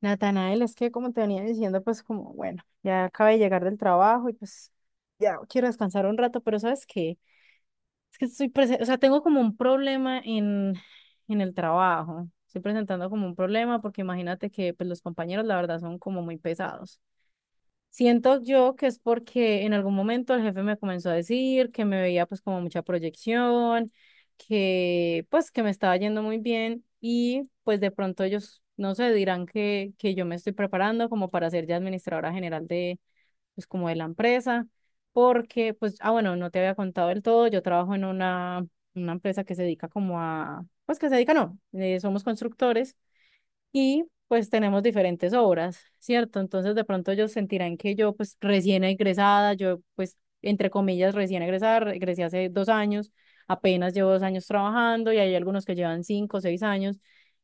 Natanael, es que como te venía diciendo, pues como, bueno, ya acabé de llegar del trabajo y pues ya quiero descansar un rato, pero ¿sabes qué? Es que o sea, tengo como un problema en el trabajo. Estoy presentando como un problema porque imagínate que pues los compañeros la verdad son como muy pesados. Siento yo que es porque en algún momento el jefe me comenzó a decir que me veía pues como mucha proyección, que pues que me estaba yendo muy bien y pues de pronto ellos, no sé, dirán que yo me estoy preparando como para ser ya administradora general de pues como de la empresa, porque pues, ah bueno, no te había contado del todo, yo trabajo en una empresa que se dedica como a, pues que se dedica, no, somos constructores y pues tenemos diferentes obras, ¿cierto? Entonces de pronto ellos sentirán que yo pues recién egresada, yo pues entre comillas recién egresada, egresé hace 2 años, apenas llevo 2 años trabajando y hay algunos que llevan 5 o 6 años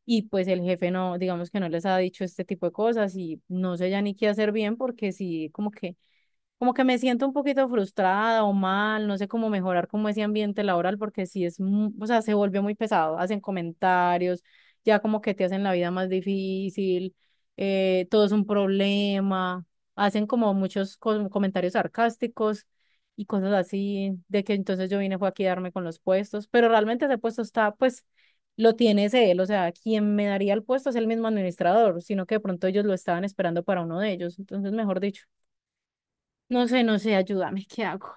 y pues el jefe no, digamos que no les ha dicho este tipo de cosas y no sé ya ni qué hacer bien porque sí, como que me siento un poquito frustrada o mal, no sé cómo mejorar como ese ambiente laboral porque sí es, o sea, se vuelve muy pesado, hacen comentarios, ya como que te hacen la vida más difícil, todo es un problema, hacen como muchos comentarios sarcásticos y cosas así, de que entonces yo vine fue a quedarme con los puestos, pero realmente ese puesto está, pues, lo tiene es él, o sea, quien me daría el puesto es el mismo administrador, sino que de pronto ellos lo estaban esperando para uno de ellos, entonces, mejor dicho. No sé, no sé, ayúdame, ¿qué hago?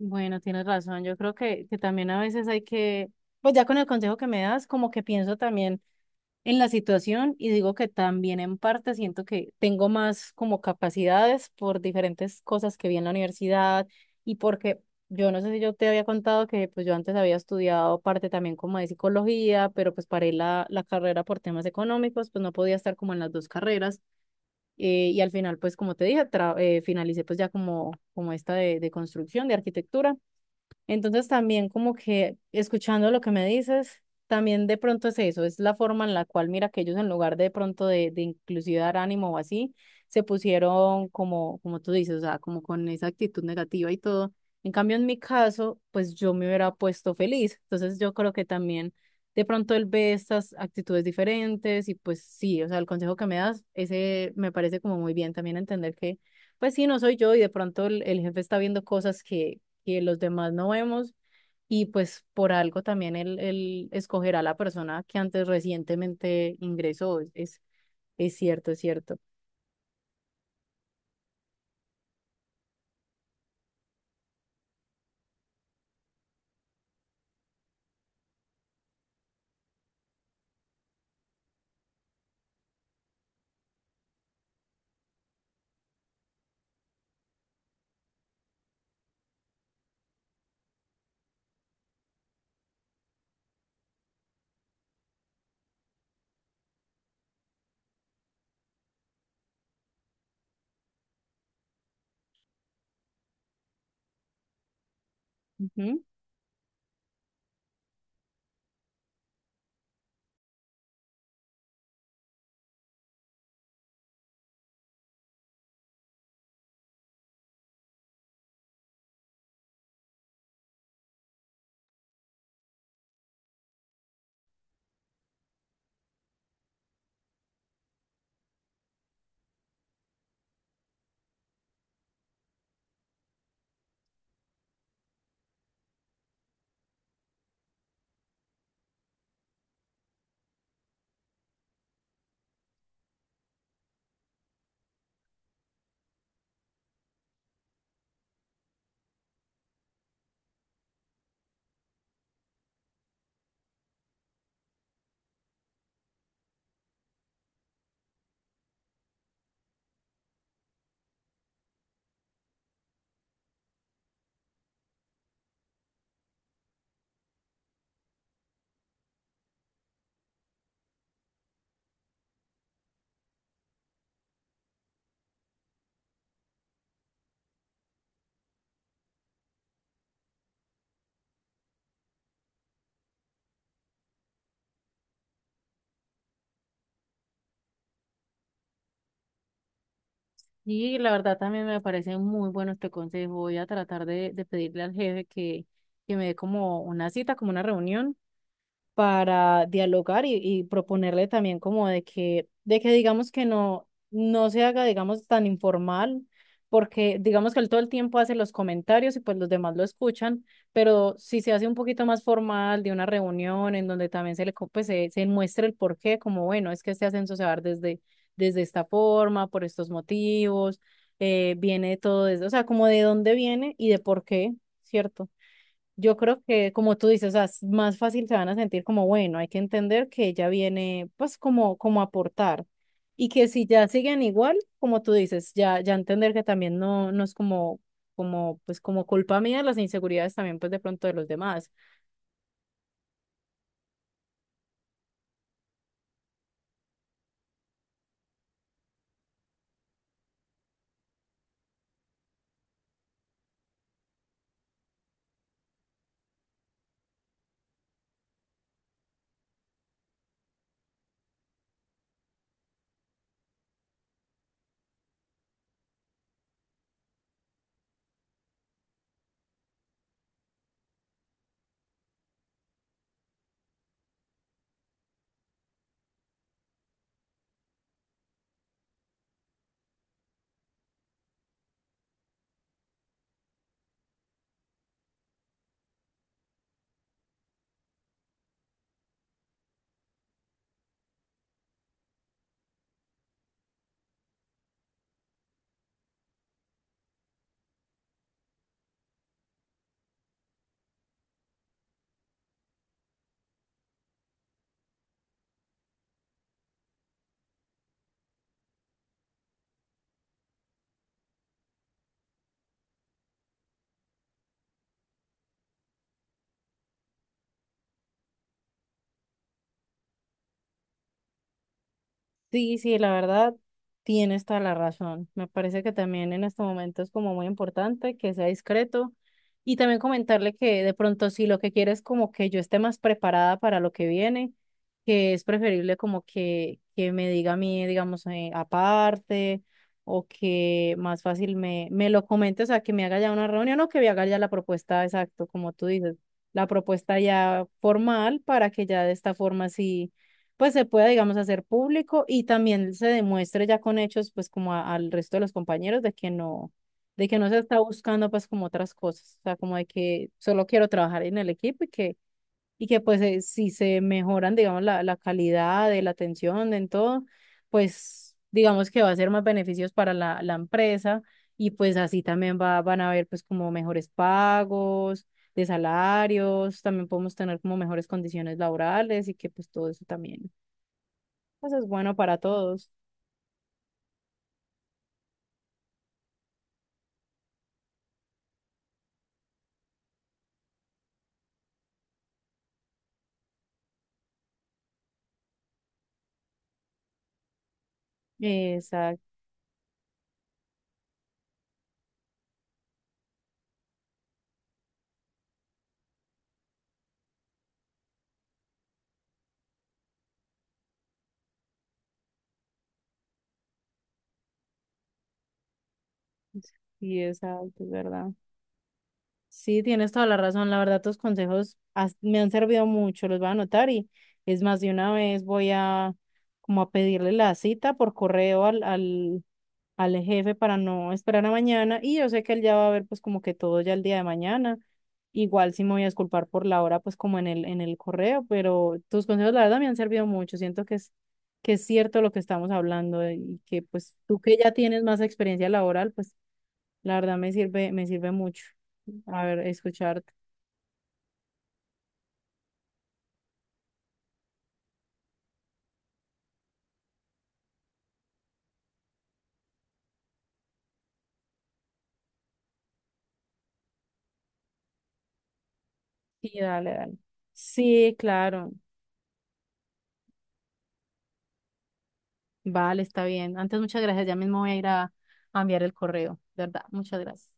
Bueno, tienes razón, yo creo que también a veces hay que, pues ya con el consejo que me das, como que pienso también en la situación y digo que también en parte siento que tengo más como capacidades por diferentes cosas que vi en la universidad y porque yo no sé si yo te había contado que pues yo antes había estudiado parte también como de psicología, pero pues paré la carrera por temas económicos, pues no podía estar como en las dos carreras. Y al final, pues como te dije, finalicé pues ya como esta de construcción, de arquitectura. Entonces también como que escuchando lo que me dices, también de pronto es eso, es la forma en la cual mira que ellos en lugar de pronto de inclusive dar ánimo o así, se pusieron como tú dices, o sea, como con esa actitud negativa y todo. En cambio, en mi caso, pues yo me hubiera puesto feliz. Entonces yo creo que también de pronto él ve estas actitudes diferentes y pues sí, o sea, el consejo que me das, ese me parece como muy bien también entender que pues sí, no soy yo y de pronto el jefe está viendo cosas que los demás no vemos y pues por algo también él escogerá a la persona que antes recientemente ingresó. Es cierto, es cierto. Ujú. Y la verdad también me parece muy bueno este consejo. Voy a tratar de pedirle al jefe que me dé como una cita, como una reunión para dialogar y proponerle también como de que digamos que no, no se haga, digamos, tan informal, porque digamos que él todo el tiempo hace los comentarios y pues los demás lo escuchan, pero si se hace un poquito más formal de una reunión en donde también pues, se muestra el porqué, como bueno, es que este ascenso se va a dar desde esta forma, por estos motivos, viene todo desde, o sea, como de dónde viene y de por qué, ¿cierto? Yo creo que, como tú dices, o sea, es más fácil se van a sentir como, bueno, hay que entender que ella viene, pues, como a aportar. Y que si ya siguen igual, como tú dices, ya, ya entender que también no, no es como, como, pues, como culpa mía las inseguridades también, pues, de pronto de los demás. Sí, sí, la verdad, tienes toda la razón. Me parece que también en este momento es como muy importante que sea discreto y también comentarle que de pronto si lo que quiere es como que yo esté más preparada para lo que viene, que es preferible como que, me diga a mí, digamos, aparte o que más fácil me lo comente, o sea, que me haga ya una reunión o que me haga ya la propuesta, exacto, como tú dices, la propuesta ya formal para que ya de esta forma sí pues se pueda, digamos, hacer público y también se demuestre ya con hechos, pues como al resto de los compañeros de que no se está buscando pues como otras cosas, o sea, como de que solo quiero trabajar en el equipo y que pues si se mejoran, digamos, la calidad de la atención en todo, pues digamos que va a ser más beneficios para la empresa y pues así también van a haber pues como mejores pagos. De salarios, también podemos tener como mejores condiciones laborales y que pues todo eso también pues es bueno para todos. Exacto, sí, exacto, es verdad. Sí, tienes toda la razón. La verdad, tus consejos me han servido mucho, los voy a anotar y es más, de una vez voy a como a pedirle la cita por correo al jefe para no esperar a mañana y yo sé que él ya va a ver pues como que todo ya el día de mañana. Igual sí me voy a disculpar por la hora pues como en el correo, pero tus consejos la verdad me han servido mucho. Siento que que es cierto lo que estamos hablando, y que pues tú que ya tienes más experiencia laboral, pues la verdad me sirve mucho. A ver, escucharte. Sí, dale, dale. Sí, claro. Vale, está bien. Antes muchas gracias. Ya mismo voy a ir a enviar el correo. De verdad, muchas gracias.